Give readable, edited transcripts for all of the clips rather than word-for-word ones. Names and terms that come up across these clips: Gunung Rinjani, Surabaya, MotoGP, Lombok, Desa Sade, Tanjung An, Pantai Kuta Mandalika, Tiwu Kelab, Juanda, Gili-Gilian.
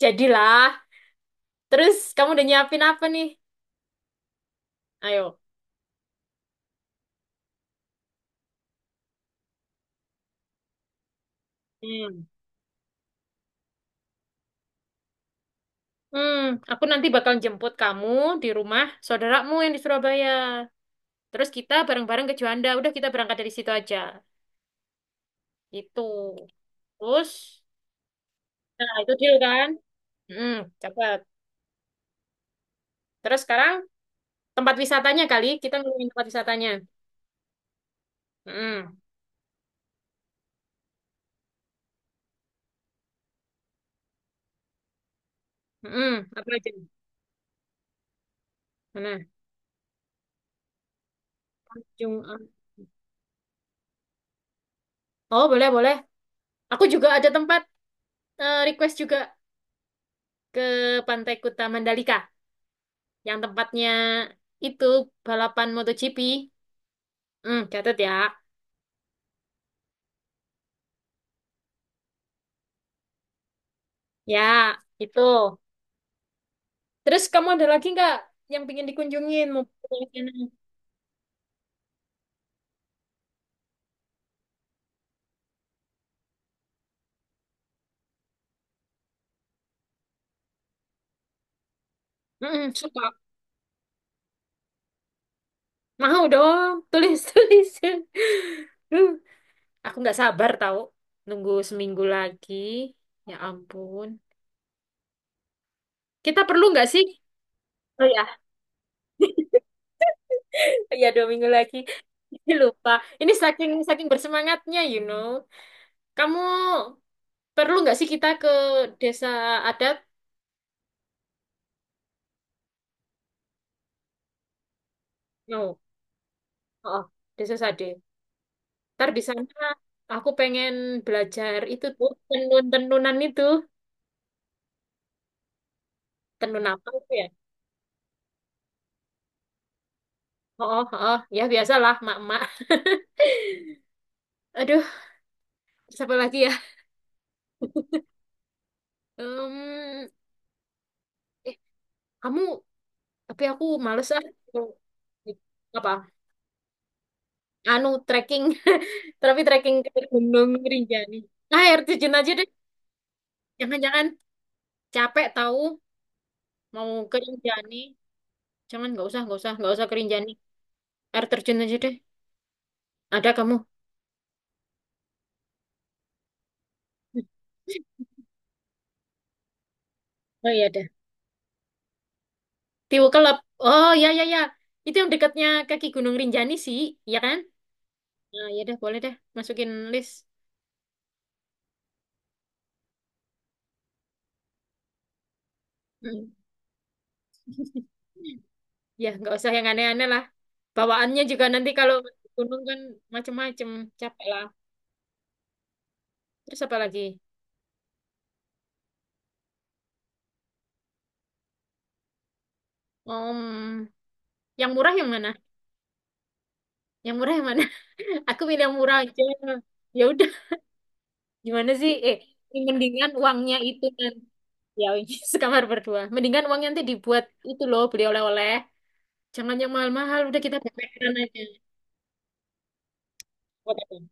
Jadilah. Terus kamu udah nyiapin apa nih? Ayo. Hmm. Hmm, aku nanti bakal jemput kamu di rumah saudaramu yang di Surabaya. Terus kita bareng-bareng ke Juanda. Udah kita berangkat dari situ aja. Itu. Terus, nah itu deal kan? Hmm, cepet. Terus sekarang tempat wisatanya kali. Kita ngomongin tempat wisatanya. Hmm, hmm, apa aja? Mana? Tanjung An- Oh, boleh, boleh. Aku juga ada tempat request juga ke Pantai Kuta Mandalika, yang tempatnya itu balapan MotoGP. Hmm, catat ya. Ya, itu. Terus kamu ada lagi nggak yang pingin dikunjungin mau pergi ke sana? Mm-mm, suka. Mau dong, tulis tulis. Duh, aku nggak sabar tahu. Nunggu seminggu lagi. Ya ampun. Kita perlu nggak sih? Oh ya, ya dua minggu lagi. Ini lupa. Ini saking saking bersemangatnya, you know. Kamu perlu nggak sih kita ke desa adat? No. Oh, desa Sade. Ntar di sana aku pengen belajar itu tuh tenun-tenunan itu. Tenun apa itu ya? Oh, oh, oh, ya biasalah mak-mak. Aduh, siapa lagi ya? Em, eh, kamu, tapi aku males ah. Apa? Anu, trekking. Tapi trekking ke Gunung Rinjani. Nah, air terjun aja deh. Jangan-jangan capek tahu mau ke Rinjani. Jangan, nggak usah, nggak usah, nggak usah ke Rinjani. Air terjun aja deh. Ada kamu. Hmm. Oh iya ada. Tiwu Kelab. Oh ya ya ya. Itu yang dekatnya kaki Gunung Rinjani sih, ya kan? Nah, ya deh, boleh deh, masukin list. Mm. Ya, nggak usah yang aneh-aneh lah. Bawaannya juga nanti kalau ke gunung kan macem-macem, capek lah. Terus apa lagi? Om, yang murah yang mana? Yang murah yang mana? Aku pilih yang murah aja. Ya udah, gimana sih? Eh, mendingan uangnya itu kan. Ya, sekamar berdua. Mendingan uangnya nanti dibuat itu loh, beli oleh-oleh. Jangan yang mahal-mahal, udah kita bawa aja. Whatever.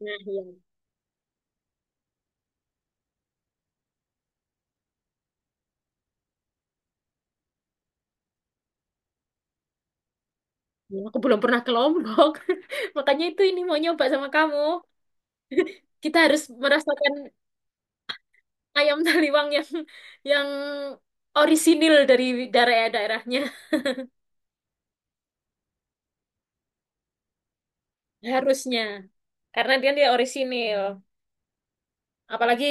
Nah, iya. Ya, aku belum pernah ke Lombok. Makanya itu ini mau nyoba sama kamu. Kita harus merasakan ayam taliwang yang yang orisinil dari daerah-daerahnya. Harusnya. Karena dia dia orisinil. Apalagi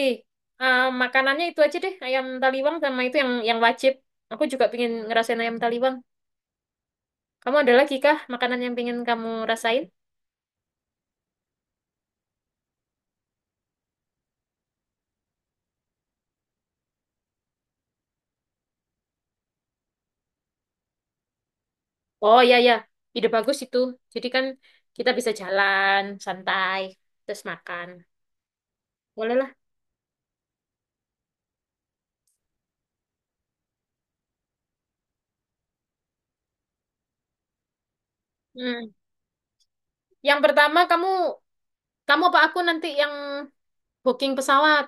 makanannya itu aja deh, ayam taliwang sama itu yang wajib. Aku juga pengen ngerasain ayam taliwang. Kamu ada lagi kah makanan yang pengen kamu rasain? Oh ya ya, ide bagus itu. Jadi kan kita bisa jalan santai terus makan. Boleh lah. Hmm. Yang pertama kamu, apa aku nanti yang booking pesawat?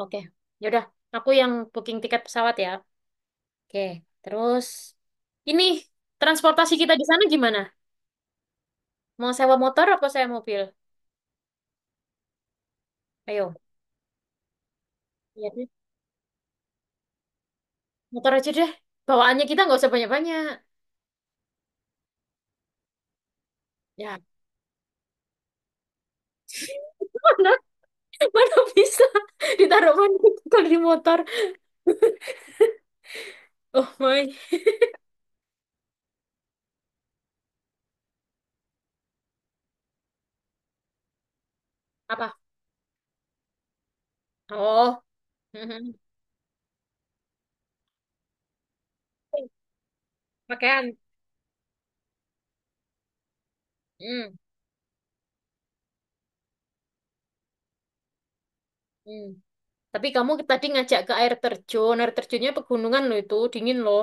Oke. Yaudah, aku yang booking tiket pesawat ya. Oke. Terus ini transportasi kita di sana gimana? Mau sewa motor apa sewa mobil? Ayo. Iya deh. Motor aja deh. Bawaannya kita nggak usah banyak-banyak. Ya. Mana, mana bisa ditaruh mana kalau di motor. Oh my. Apa? Oh, pakaian. Hmm, hmm. Tapi kamu tadi ngajak ke air terjun. Air terjunnya pegunungan loh itu, dingin loh.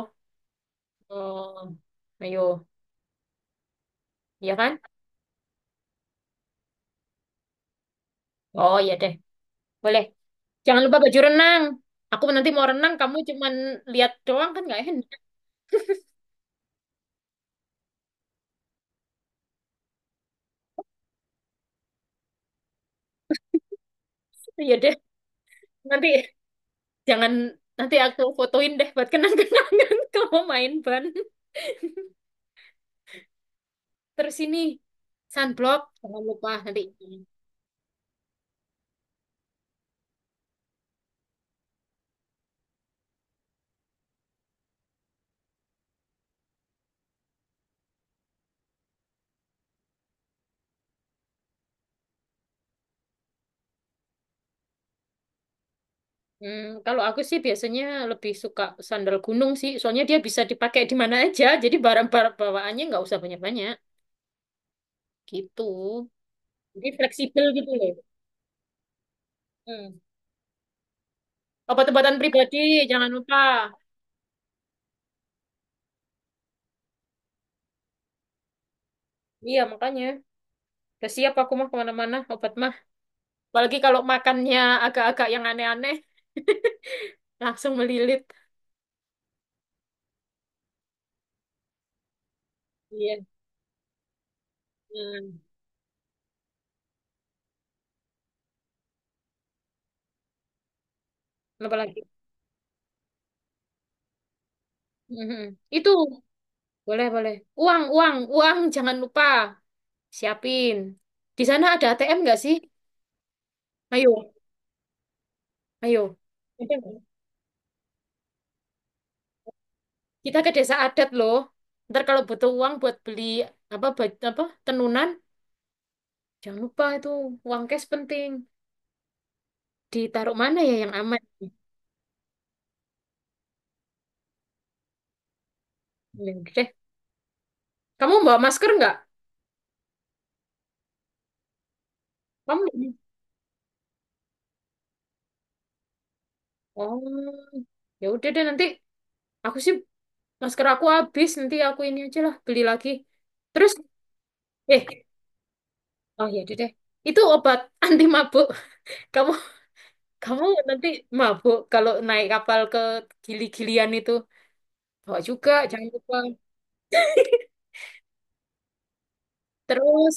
Oh, ayo, ya kan? Oh, iya deh. Boleh. Jangan lupa baju renang. Aku nanti mau renang, kamu cuman lihat doang kan nggak enak. Iya deh. Nanti jangan, nanti aku fotoin deh buat kenang-kenangan kamu main ban. Terus ini sunblock, jangan lupa nanti. Hmm, kalau aku sih biasanya lebih suka sandal gunung sih, soalnya dia bisa dipakai di mana aja, jadi barang-barang bawaannya nggak usah banyak-banyak, gitu. Jadi fleksibel gitu loh. Hmm. Obat-obatan pribadi, jangan lupa. Iya, makanya. Udah siap aku mah kemana-mana, obat mah. Apalagi kalau makannya agak-agak yang aneh-aneh, langsung melilit. Iya. Hmm. Apalagi. Mhm. Itu, boleh-boleh. Uang, uang, uang, jangan lupa. Siapin. Di sana ada ATM nggak sih? Ayo. Ayo. Gitu, kita ke desa adat loh. Ntar kalau butuh uang buat beli apa baj- apa tenunan, jangan lupa itu uang cash penting. Ditaruh mana ya yang aman? Ya udah deh. Kamu bawa masker nggak? Kamu? Oh, ya udah deh nanti. Aku sih, masker aku habis, nanti aku ini aja lah beli lagi. Terus, eh, oh ya udah deh. Itu obat anti mabuk. Kamu, nanti mabuk kalau naik kapal ke Gili-Gilian itu. Bawa juga, jangan lupa. Terus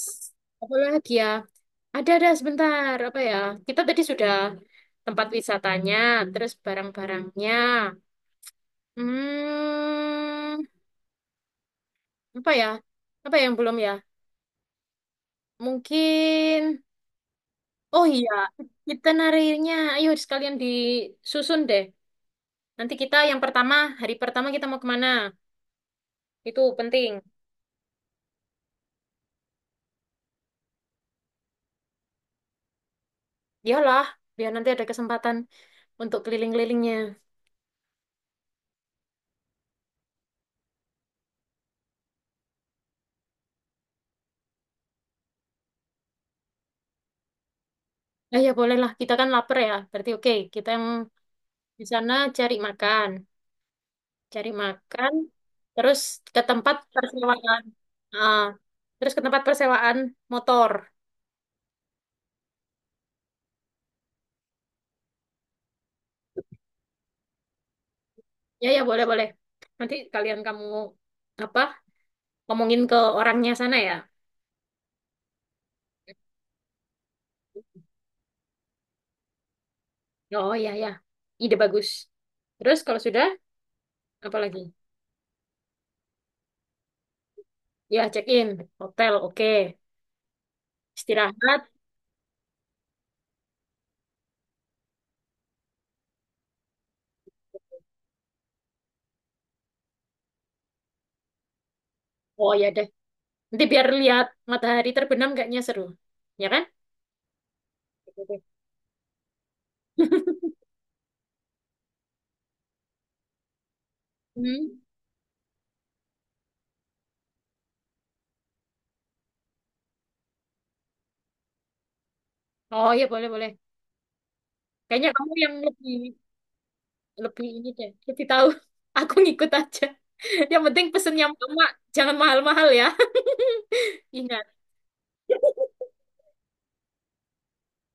apa lagi ya? Ada sebentar apa ya? Kita tadi sudah tempat wisatanya, terus barang-barangnya. Hmm, apa ya? Apa ya yang belum ya? Mungkin oh iya, itinerary-nya. Ayo sekalian disusun deh. Nanti kita yang pertama, hari pertama kita mau kemana? Itu penting. Iyalah, biar nanti ada kesempatan untuk keliling-kelilingnya. Eh ya bolehlah, kita kan lapar ya. Berarti oke, kita yang di sana cari makan, terus ke tempat persewaan. Ah, terus ke tempat persewaan motor. Ya, ya, boleh, boleh. Nanti kalian, kamu apa? Ngomongin ke orangnya sana ya. Oh, ya, ya. Ide bagus. Terus kalau sudah, apa lagi? Ya, check-in, hotel, oke. Istirahat. Oh, ya deh. Nanti biar lihat matahari terbenam kayaknya seru. Ya kan? Oke, oke. Hmm. Oh, iya, boleh, boleh. Kayaknya kamu yang lebih, ini deh, lebih tahu. Aku ngikut aja. Yang penting pesen yang mama, jangan mahal-mahal ya. Ingat.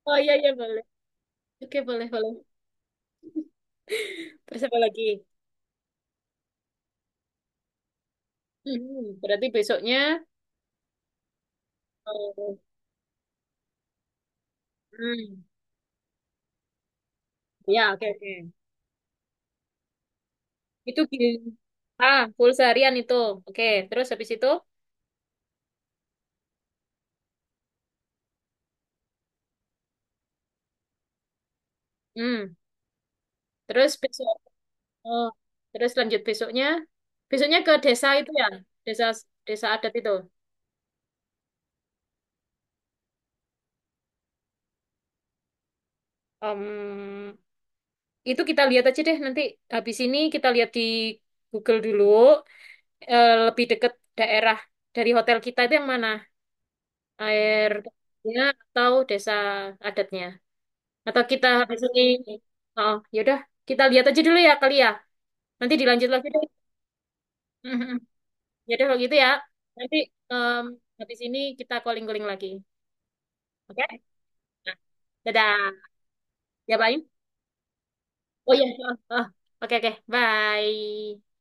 Oh iya iya boleh. Oke boleh boleh. Terus apa lagi? Hmm, berarti besoknya. eh, hmm, ya oke oke. Itu gini. Ah, full seharian itu. Oke, terus habis itu, hmm, terus besok. Oh, terus lanjut besoknya. Besoknya ke desa itu ya, desa desa adat itu. Om, itu kita lihat aja deh nanti habis ini kita lihat di Google dulu, lebih dekat daerah dari hotel kita itu yang mana? Air ya atau desa adatnya? Atau kita habis ini oh ya udah kita lihat aja dulu ya kali ya. Nanti dilanjut lagi deh. Mhm. Ya udah kalau gitu ya. Nanti em, habis ini kita calling-calling lagi. Oke? Nah, dadah. Ya, bye. Oh iya. Oh, oh. Oke, oke. Bye.